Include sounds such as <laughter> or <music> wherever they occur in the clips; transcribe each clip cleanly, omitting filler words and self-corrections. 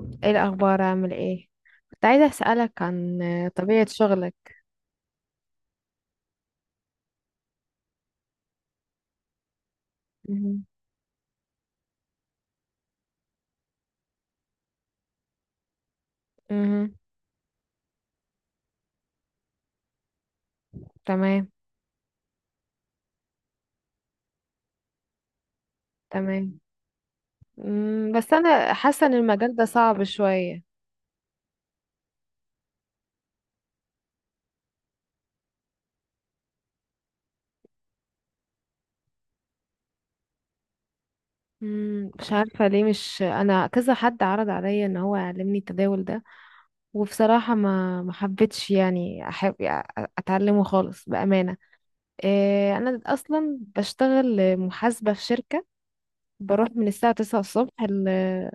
ايه الاخبار؟ عامل ايه؟ كنت عايزه اسالك عن طبيعه شغلك. مهم. مهم. تمام. تمام. بس انا حاسه ان المجال ده صعب شويه. مش عارفه ليه، مش انا كذا حد عرض عليا ان هو يعلمني التداول ده. وبصراحه ما حبيتش، يعني احب اتعلمه خالص بامانه. إيه، انا اصلا بشتغل محاسبه في شركه. بروح من الساعه 9 الصبح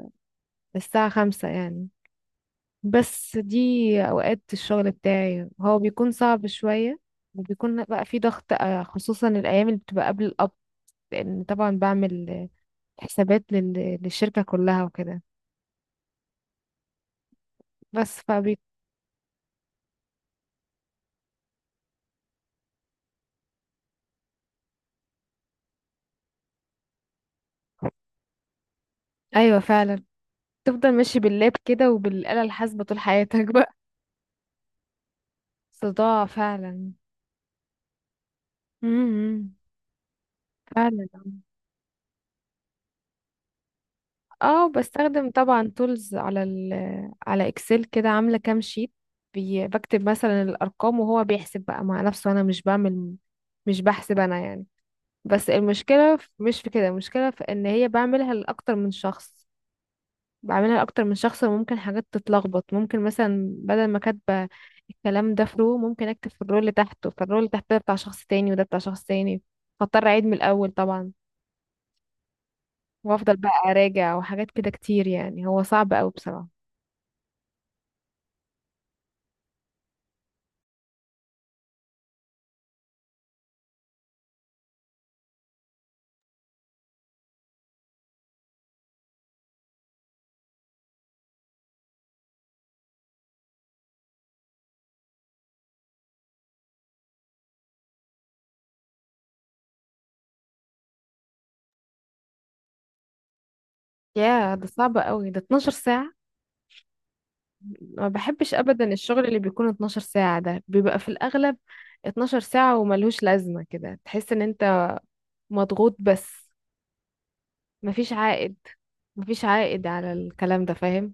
للساعه 5 يعني. بس دي اوقات الشغل بتاعي، هو بيكون صعب شوية، وبيكون بقى في ضغط خصوصا الايام اللي بتبقى قبل القبض. لان طبعا بعمل حسابات للشركة كلها وكده. بس فبي. ايوه، فعلا. تفضل ماشي باللاب كده وبالآلة الحاسبة طول حياتك بقى. صداع فعلا. امم، فعلا. اه، بستخدم طبعا تولز على على اكسل كده، عامله كام شيت. بكتب مثلا الارقام وهو بيحسب بقى مع نفسه، انا مش بعمل، مش بحسب انا يعني. بس المشكله مش في كده، المشكله في ان هي بعملها لاكتر من شخص. بعملها لاكتر من شخص وممكن حاجات تتلخبط، ممكن مثلا بدل ما كاتبه الكلام ده في رو ممكن اكتب في الرول اللي تحته، فالرول اللي تحته ده بتاع شخص تاني وده بتاع شخص تاني. فاضطر اعيد من الاول طبعا، وافضل بقى اراجع وحاجات كده كتير، يعني هو صعب قوي بصراحه. يا ده صعب قوي ده، 12 ساعة. ما بحبش ابدا الشغل اللي بيكون 12 ساعة، ده بيبقى في الاغلب 12 ساعة وملهوش لازمة كده. تحس ان انت مضغوط، بس مفيش عائد. مفيش عائد على الكلام ده، فاهم.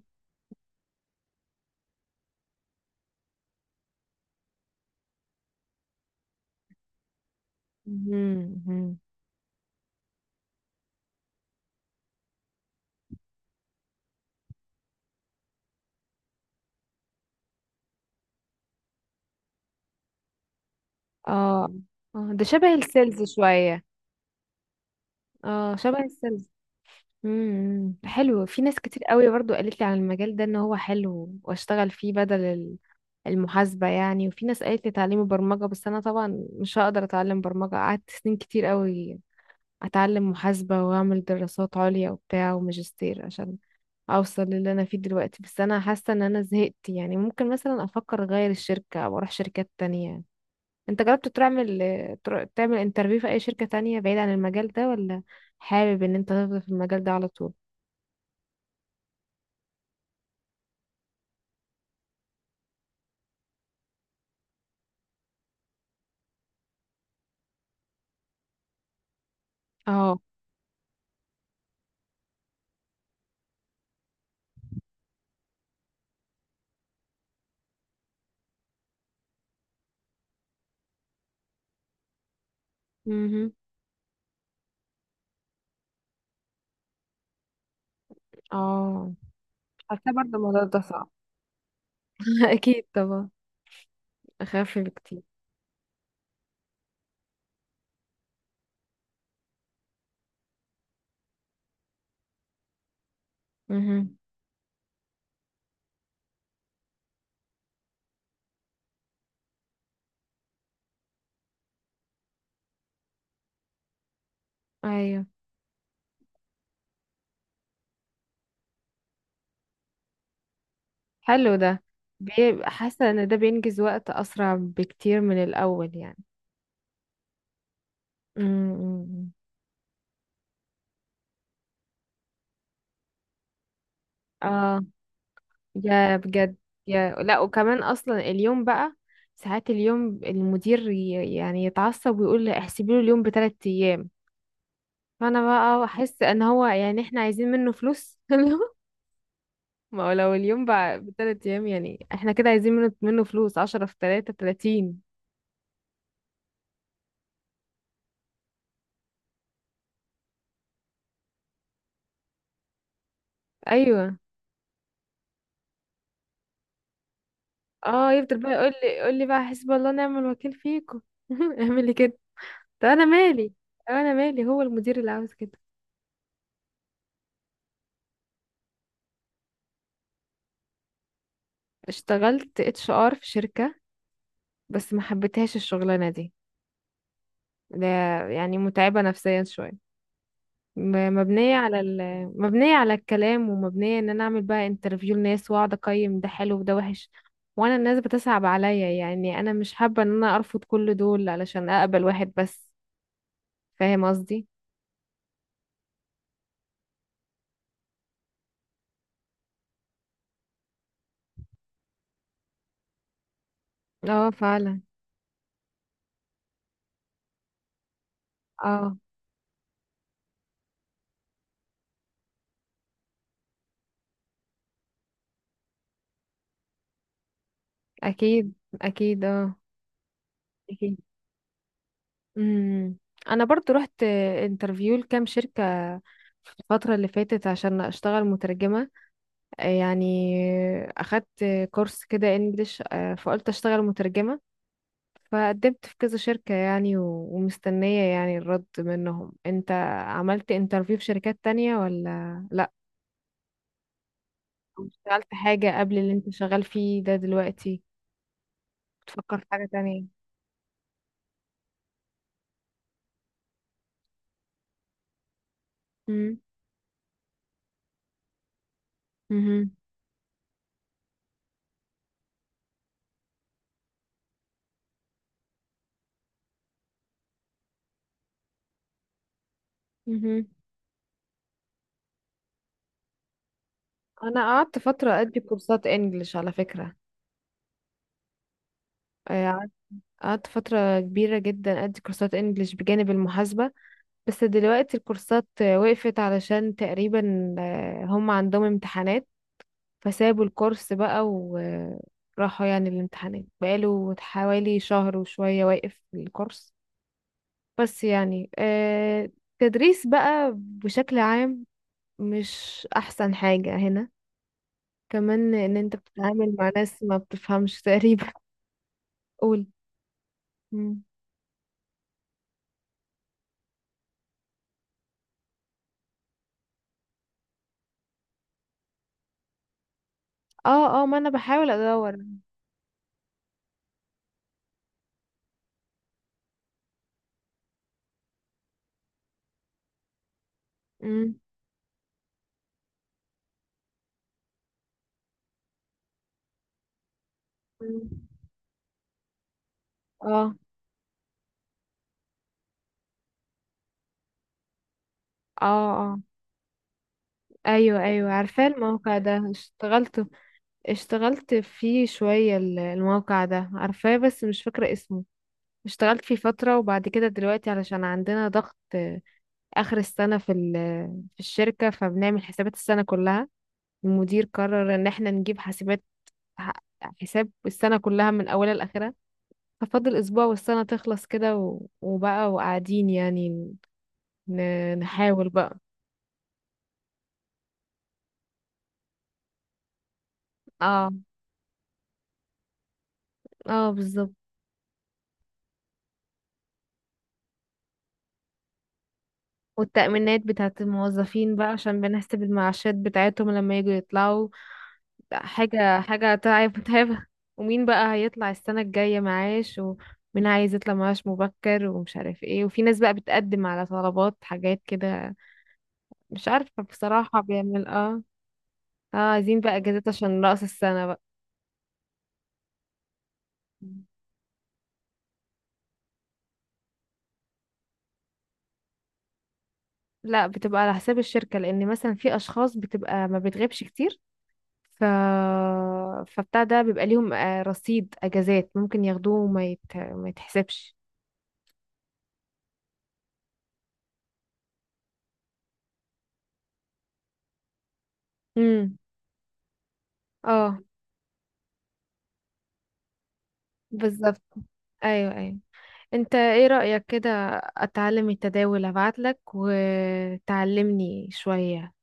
مهم، مهم. اه، اه، ده شبه السيلز شوية. اه شبه السيلز. حلو، في ناس كتير قوي برضو قالت لي على المجال ده ان هو حلو واشتغل فيه بدل المحاسبة يعني. وفي ناس قالت لي تعليم برمجة، بس انا طبعا مش هقدر اتعلم برمجة. قعدت سنين كتير قوي اتعلم محاسبة واعمل دراسات عليا وبتاع وماجستير عشان اوصل للي انا فيه دلوقتي. بس انا حاسة ان انا زهقت يعني، ممكن مثلا افكر اغير الشركة او اروح شركات تانية. انت جربت تعمل، تعمل انترفيو في اي شركة تانية بعيد عن المجال ده؟ ولا حابب ان انت تفضل في المجال ده على طول؟ اه. مهم. اه. حاسه برضه الموضوع ده صعب. <laughs> اكيد طبعا. اخف بكتير. مهم. ايوه. حلو ده. بيبقى حاسه ان ده بينجز وقت اسرع بكتير من الاول يعني. امم. اه. يا بجد. يا لا، وكمان اصلا اليوم بقى ساعات اليوم المدير يعني يتعصب ويقول لي احسبي له اليوم بثلاث ايام. فانا بقى احس ان هو يعني احنا عايزين منه فلوس <laughs> ما هو لو اليوم بقى بتلات أيام، يعني احنا كده عايزين منه فلوس، 10 في تلاتة 30. أيوة، اه. يفضل بقى يقول لي بقى: حسب الله ونعم الوكيل فيكم. <laughs> اعملي كده. طب أنا مالي؟ طب أنا مالي؟ هو المدير اللي عاوز كده. اشتغلت HR في شركة، بس ما حبيتهاش الشغلانة دي. ده يعني متعبة نفسيا شوية، م- مبنية على ال... مبنية على الكلام، ومبنية ان انا اعمل بقى انترفيو لناس واقعد اقيم ده حلو وده وحش. وانا الناس بتصعب عليا، يعني انا مش حابة ان انا ارفض كل دول علشان اقبل واحد بس. فاهم قصدي؟ اه فعلا. اه. اكيد. اكيد، اه. اكيد. امم. انا برضو رحت انترفيو لكام شركة في الفترة اللي فاتت عشان اشتغل مترجمة يعني. اخدت كورس كده انجليش، فقلت اشتغل مترجمة. فقدمت في كذا شركة يعني، ومستنية يعني الرد منهم. انت عملت انترفيو في شركات تانية ولا لا؟ أو اشتغلت حاجة قبل اللي انت شغال فيه ده دلوقتي؟ بتفكر في حاجة تانية؟ مم. مهم. مهم. انا قعدت فترة ادي كورسات انجليش على فكرة. آه، قعدت قعدت فترة كبيرة جدا ادي كورسات انجليش بجانب المحاسبة. بس دلوقتي الكورسات وقفت علشان تقريبا هم عندهم امتحانات. فسابوا الكورس بقى وراحوا يعني الامتحانات، بقاله حوالي شهر وشوية واقف في الكورس. بس يعني تدريس بقى بشكل عام مش أحسن حاجة. هنا كمان إن أنت بتتعامل مع ناس ما بتفهمش تقريبا. <laughs> قول. مم. اه، اه، ما أنا بحاول أدور. مم. مم. اه، اه، اه. ايوه، ايوه، عارفاه الموقع ده. اشتغلت، اشتغلت فيه شوية. الموقع ده عارفاه بس مش فاكرة اسمه. اشتغلت فيه فترة، وبعد كده دلوقتي علشان عندنا ضغط آخر السنة في الشركة فبنعمل حسابات السنة كلها. المدير قرر إن احنا نجيب حسابات، ح- حساب السنة كلها من أولها لآخرها. ففاضل أسبوع والسنة تخلص كده، وبقى وقاعدين يعني نحاول بقى. اه، اه بالظبط. والتأمينات بتاعت الموظفين بقى عشان بنحسب المعاشات بتاعتهم لما يجوا يطلعوا. لا، حاجة حاجة تعب، متعبة. ومين بقى هيطلع السنة الجاية معاش، ومين عايز يطلع معاش مبكر، ومش عارف ايه، وفي ناس بقى بتقدم على طلبات حاجات كده، مش عارفة بصراحة بيعمل اه. اه، عايزين بقى اجازات عشان رأس السنة بقى. لا، بتبقى على حساب الشركة لأن مثلا في أشخاص بتبقى ما بتغيبش كتير، ف... فبتاع ده بيبقى ليهم رصيد أجازات ممكن ياخدوه وما ما يتحسبش. امم، اه بالظبط. ايوه، ايوه. انت ايه رأيك كده؟ اتعلم التداول، ابعتلك وتعلمني شوية.